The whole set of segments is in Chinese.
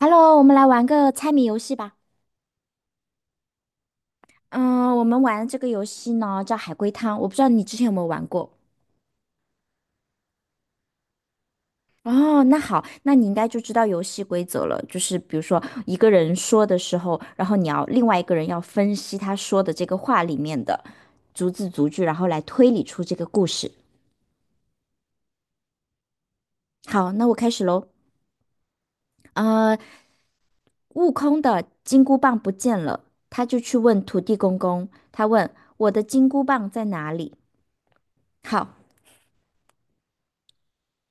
Hello，我们来玩个猜谜游戏吧。嗯，我们玩这个游戏呢叫海龟汤，我不知道你之前有没有玩过。哦，那好，那你应该就知道游戏规则了。就是比如说一个人说的时候，然后你要另外一个人要分析他说的这个话里面的逐字逐句，然后来推理出这个故事。好，那我开始喽。呃，悟空的金箍棒不见了，他就去问土地公公，他问我的金箍棒在哪里？好。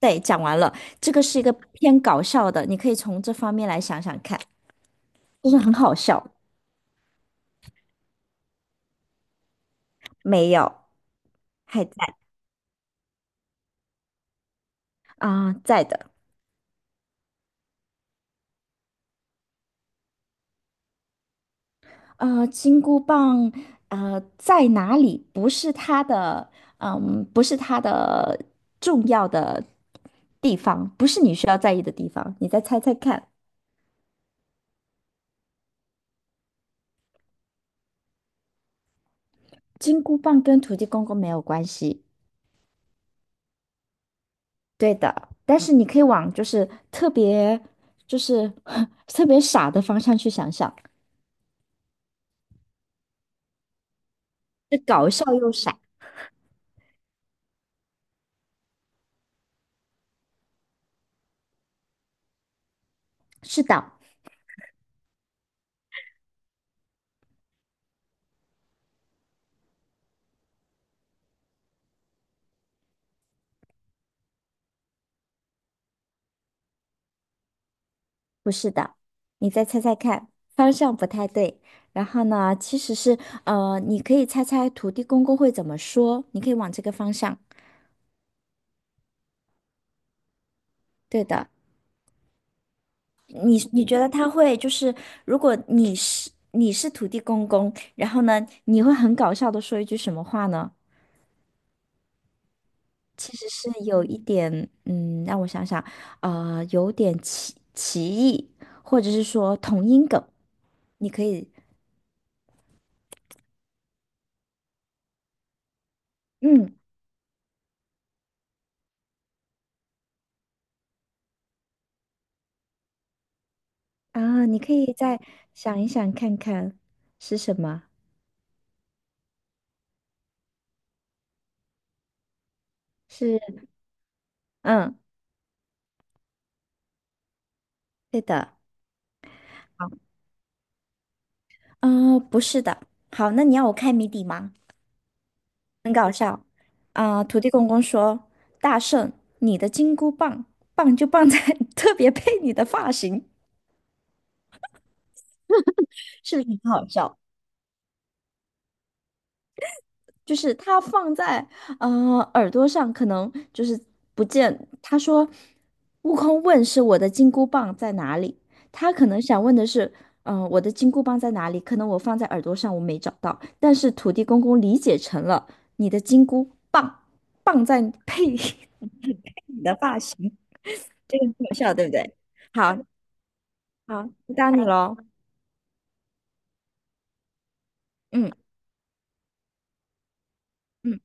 对，讲完了，这个是一个偏搞笑的，你可以从这方面来想想看，就是很好笑。没有，还在啊、在的。金箍棒，呃，在哪里？不是它的，嗯，不是它的重要的地方，不是你需要在意的地方。你再猜猜看，金箍棒跟土地公公没有关系。对的，但是你可以往就是特别，就是 特别傻的方向去想想，是搞笑又傻。是的，不是的，你再猜猜看，方向不太对。然后呢，其实是你可以猜猜土地公公会怎么说，你可以往这个方向。对的，你觉得他会就是，如果你是土地公公，然后呢，你会很搞笑的说一句什么话呢？其实是有一点，嗯，让我想想，呃，有点歧义，或者是说同音梗，你可以。嗯，啊，你可以再想一想看看是什么？是，嗯，对的。好，啊，不是的。好，那你要我开谜底吗？啊，土地公公说：“大圣，你的金箍棒棒就棒在 特别配你的发型。”是不是很好笑？就是他放在呃耳朵上，可能就是不见。他说，悟空问是我的金箍棒在哪里？他可能想问的是，嗯、我的金箍棒在哪里？可能我放在耳朵上，我没找到。但是土地公公理解成了你的金箍棒，棒在配 你的发型，这个很搞笑，对不对？好，好，回答你喽。嗯嗯，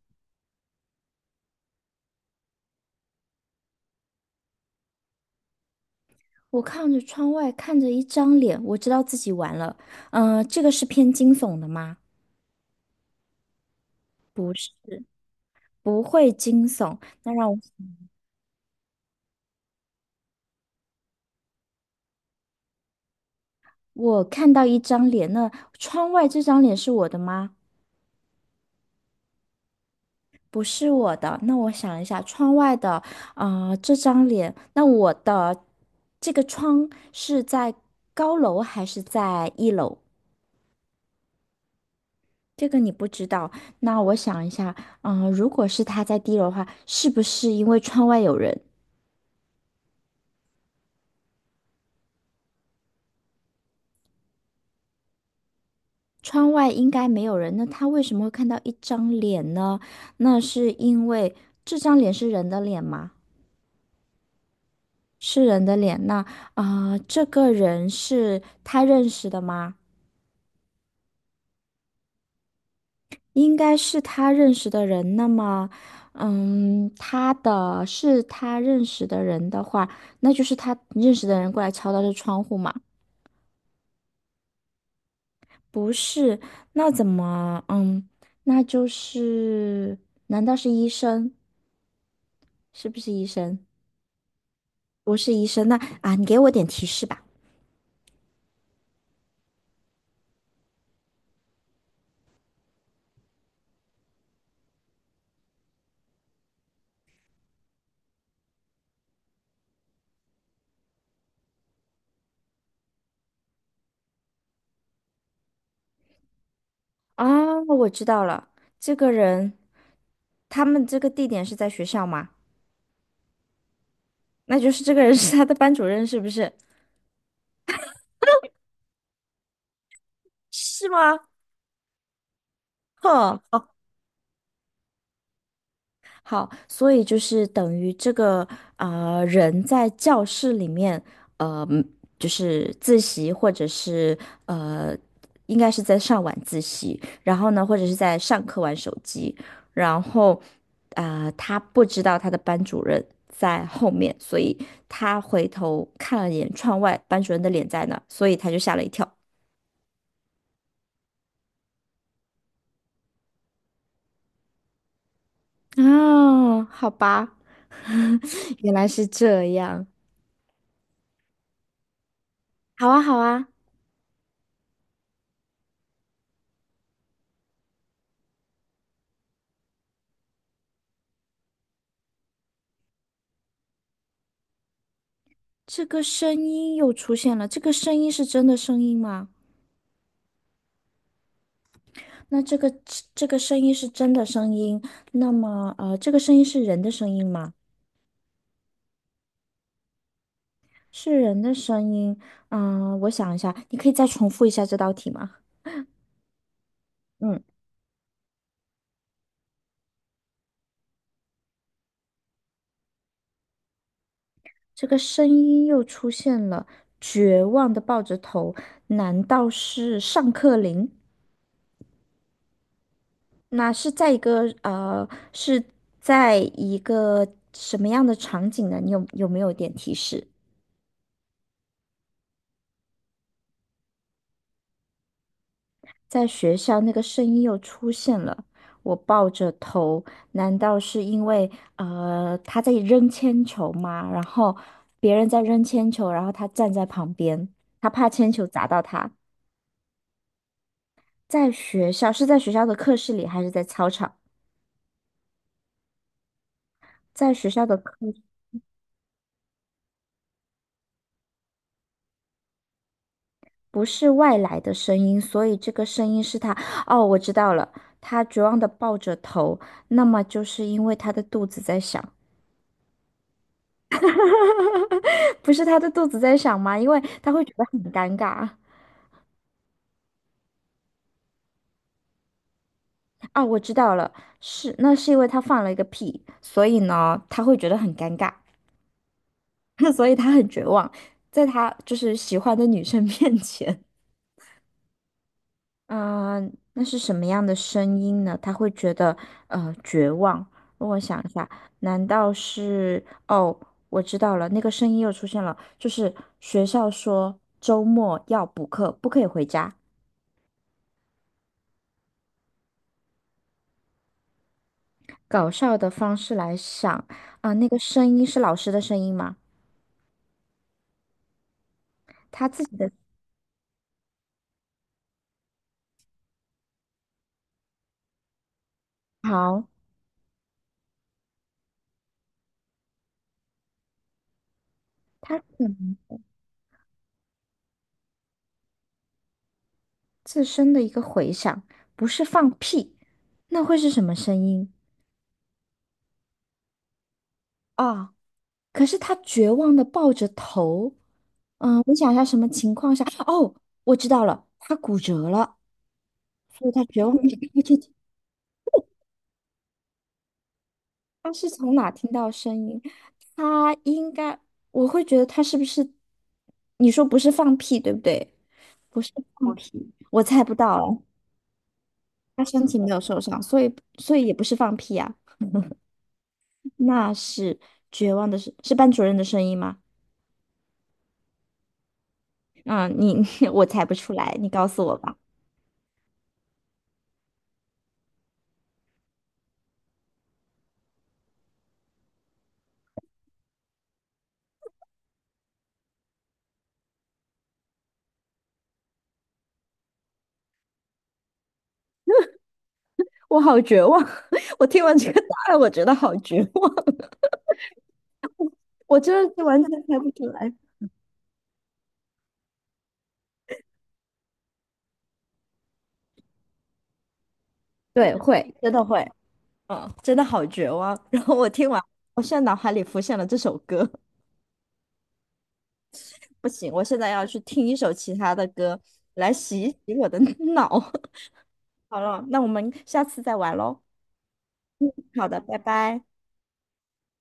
我看着窗外，看着一张脸，我知道自己完了。嗯、这个是偏惊悚的吗？不是不会惊悚。那让我我看到一张脸，那窗外这张脸是我的吗？不是我的。那我想一下，窗外的啊、呃这张脸，那我的这个窗是在高楼还是在一楼？这个你不知道。那我想一下，嗯、如果是他在低楼的话，是不是因为窗外有人？窗外应该没有人，那他为什么会看到一张脸呢？那是因为这张脸是人的脸吗？是人的脸，那啊、呃这个人是他认识的吗？应该是他认识的人。那么，嗯，他的是他认识的人的话，那就是他认识的人过来敲他的窗户嘛？不是，那怎么？嗯，那就是，难道是医生？是不是医生？不是医生，那啊，你给我点提示吧。啊，我知道了，这个人，他们这个地点是在学校吗？那就是这个人是他的班主任，是不是？是吗？哼，好，好，所以就是等于这个呃人在教室里面，呃，嗯就是自习或者是呃，应该是在上晚自习，然后呢，或者是在上课玩手机，然后他不知道他的班主任在后面，所以他回头看了眼窗外，班主任的脸在那儿所以他就吓了一跳。啊，好吧。原来是这样。好啊，好啊，这个声音又出现了。这个声音是真的声音吗？那这个这个声音是真的声音，那么呃，这个声音是人的声音吗？是人的声音。嗯、我想一下，你可以再重复一下这道题吗？嗯，这个声音又出现了，绝望的抱着头，难道是上课铃？那是在一个呃，是在一个什么样的场景呢？你有没有一点提示？在学校那个声音又出现了，我抱着头，难道是因为呃他在扔铅球吗？然后别人在扔铅球，然后他站在旁边，他怕铅球砸到他。在学校，是在学校的课室里还是在操场？在学校的课。不是外来的声音，所以这个声音是他。哦，我知道了，他绝望的抱着头，那么就是因为他的肚子在响，不是他的肚子在响吗？因为他会觉得很尴尬。啊，我知道了，是，那是因为他放了一个屁，所以呢，他会觉得很尴尬，所以他很绝望，在他就是喜欢的女生 面前。嗯，那是什么样的声音呢？他会觉得呃绝望。让我想一下，难道是？哦，我知道了，那个声音又出现了，就是学校说周末要补课，不可以回家。搞笑的方式来想啊、那个声音是老师的声音吗？他自己的好，他可能自身的一个回响，不是放屁，那会是什么声音？啊、可是他绝望的抱着头。嗯，我想一下什么情况下？哦，我知道了，他骨折了，所以他绝望地看着你他是从哪听到声音？他应该，我会觉得他是不是？你说不是放屁，对不对？放屁，我猜不到了。他身体没有受伤，所以也不是放屁啊，那是绝望的是班主任的声音吗？嗯，你 我猜不出来，你告诉我吧。我好绝望，我听完这个答案，我觉得好绝望，我真的是完全猜不出来。对，会，真的会，嗯，真的好绝望。然后我听完，我现在脑海里浮现了这首歌，不行，我现在要去听一首其他的歌来洗一洗我的 脑。好了，那我们下次再玩喽。好的，拜拜。